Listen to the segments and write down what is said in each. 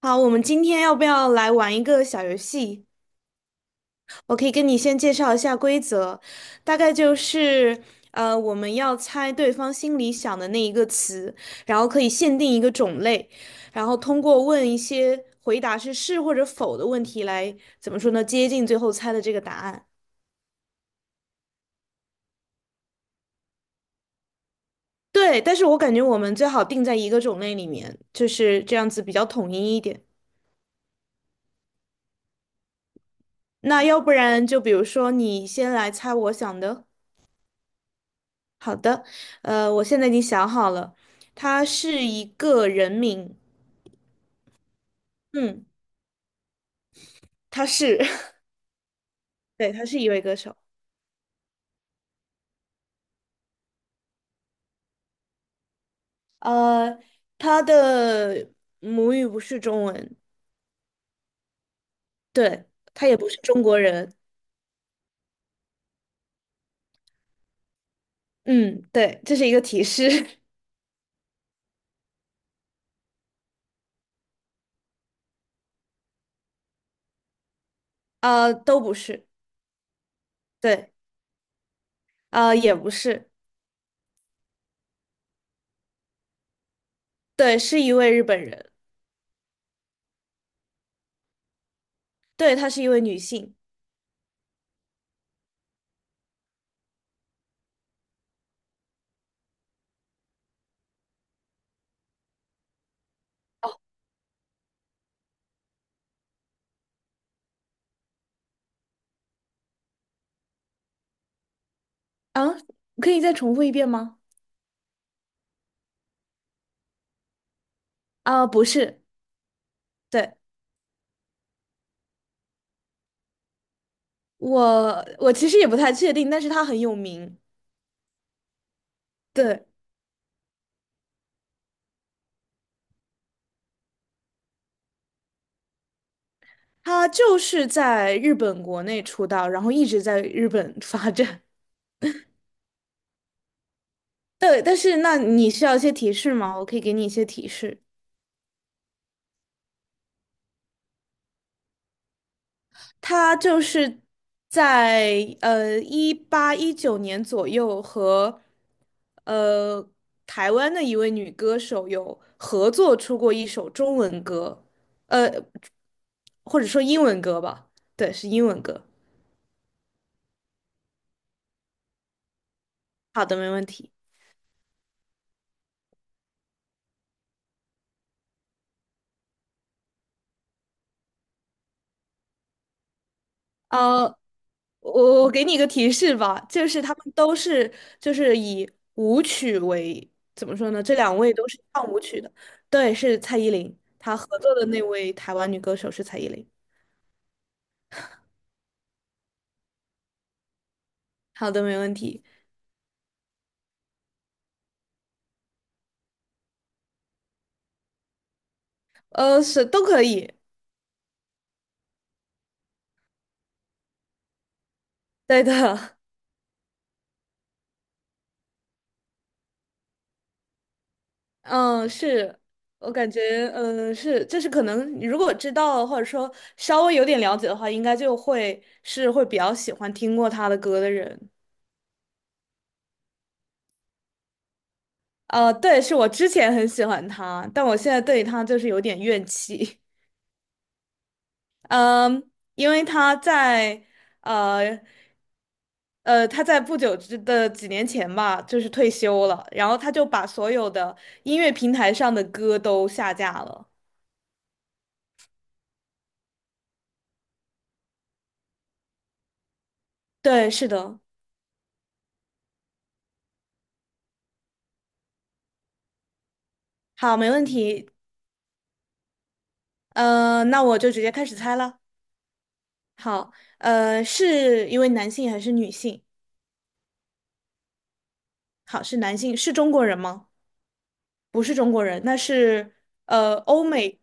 好，我们今天要不要来玩一个小游戏？我可以跟你先介绍一下规则，大概就是，我们要猜对方心里想的那一个词，然后可以限定一个种类，然后通过问一些回答是是或者否的问题来，怎么说呢，接近最后猜的这个答案。对，但是我感觉我们最好定在一个种类里面，就是这样子比较统一一点。那要不然就比如说你先来猜我想的。好的，我现在已经想好了，他是一个人名。嗯，他是，对，他是一位歌手。呃，他的母语不是中文。对，他也不是中国人。嗯，对，这是一个提示。都不是。对。也不是。对，是一位日本人。对，她是一位女性。啊，可以再重复一遍吗？啊，不是。对，我其实也不太确定，但是她很有名。对。他就是在日本国内出道，然后一直在日本发展。对，但是那你需要一些提示吗？我可以给你一些提示。他就是在18、19年左右和呃台湾的一位女歌手有合作出过一首中文歌，呃或者说英文歌吧。对，是英文歌。好的，没问题。呃，我给你一个提示吧，就是他们都是就是以舞曲为怎么说呢？这两位都是唱舞曲的。对，是蔡依林，她合作的那位台湾女歌手是蔡依林。好的，没问题。是都可以。对的。嗯，是。我感觉，嗯，是，就是可能，你如果知道或者说稍微有点了解的话，应该就会是会比较喜欢听过他的歌的人。对，是我之前很喜欢他，但我现在对他就是有点怨气。嗯，因为他在呃不久之的几年前吧，就是退休了，然后他就把所有的音乐平台上的歌都下架了。对，是的。好，没问题。那我就直接开始猜了。好，是一位男性还是女性？好，是男性。是中国人吗？不是中国人，那是欧美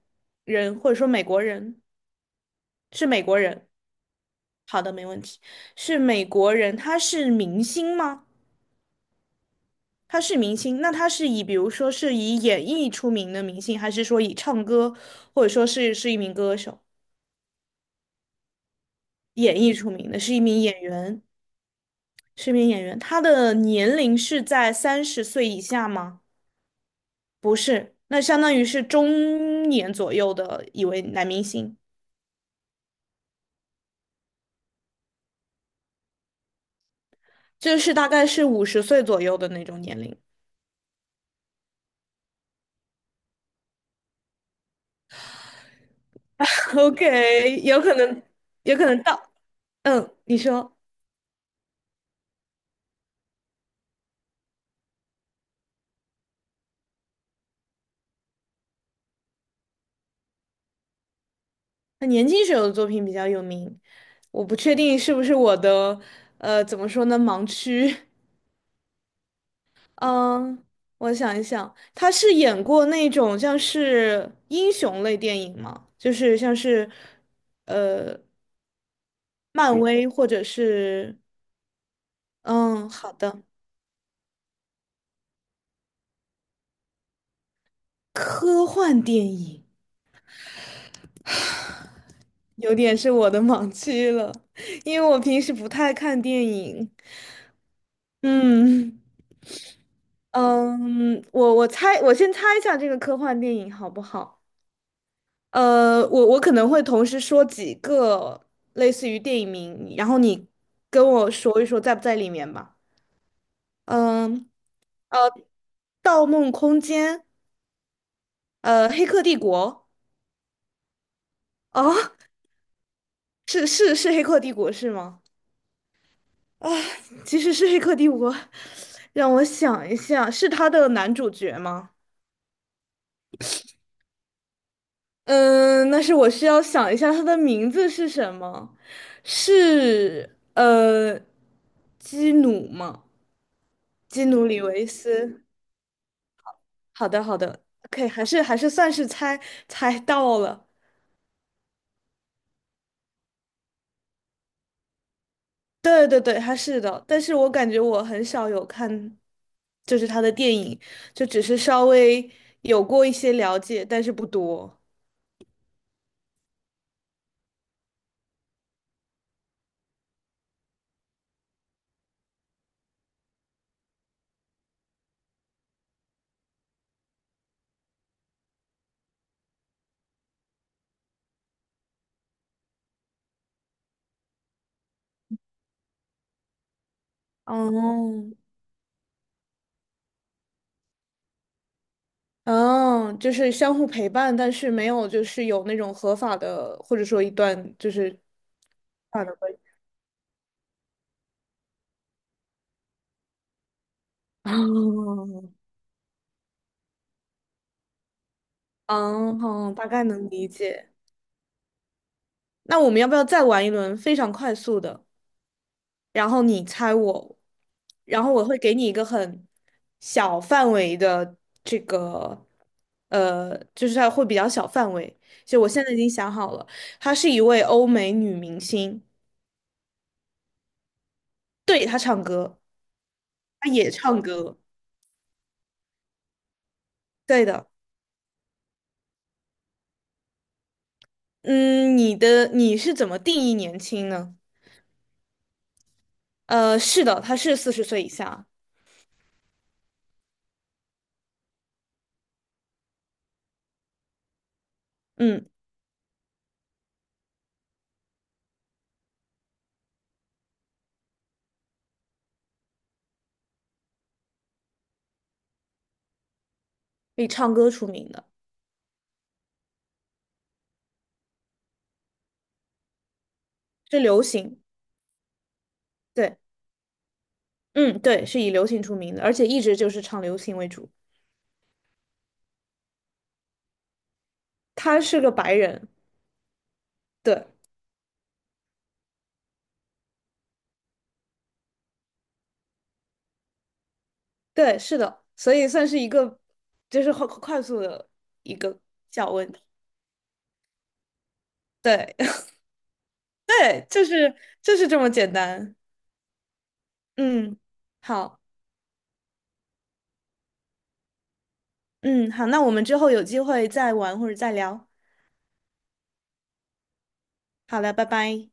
人或者说美国人，是美国人。好的，没问题，是美国人。他是明星吗？他是明星，那他是以比如说是以演艺出名的明星，还是说以唱歌，或者说是一名歌手。演艺出名的，是一名演员，是一名演员。他的年龄是在30岁以下吗？不是，那相当于是中年左右的一位男明星。就是大概是50岁左右的那种年龄。OK，有可能，有可能到。嗯，你说。他年轻时候的作品比较有名，我不确定是不是我的，怎么说呢，盲区。嗯，我想一想，他是演过那种像是英雄类电影吗？就是像是，呃，漫威或者是。嗯，好的，科幻电影。有点是我的盲区了，因为我平时不太看电影。嗯嗯，我猜，我先猜一下这个科幻电影好不好？我可能会同时说几个类似于电影名，然后你跟我说一说在不在里面吧。嗯，《盗梦空间》。《黑客帝国》。哦，是是是，《黑客帝国》是吗？啊，其实是《黑客帝国》。让我想一下，是他的男主角吗？嗯，那是我需要想一下他的名字是什么。是基努吗？基努里维斯。好的，好的，OK，还是算是猜到了。对对对，他是的，但是我感觉我很少有看，就是他的电影，就只是稍微有过一些了解，但是不多。哦。哦，就是相互陪伴，但是没有就是有那种合法的，或者说一段就是合法的关系。哦，嗯，好，大概能理解。那我们要不要再玩一轮非常快速的？然后你猜我，然后我会给你一个很小范围的这个，就是它会比较小范围。就我现在已经想好了，她是一位欧美女明星。对，她唱歌。她也唱歌。对的。嗯，你的你是怎么定义年轻呢？是的，他是40岁以下。嗯，以唱歌出名的。是流行。对。嗯，对，是以流行出名的，而且一直就是唱流行为主。他是个白人。对。对，是的，所以算是一个，就是快速的一个小问题。对，对，就是这么简单。嗯，好。嗯，好，那我们之后有机会再玩或者再聊。好了，拜拜。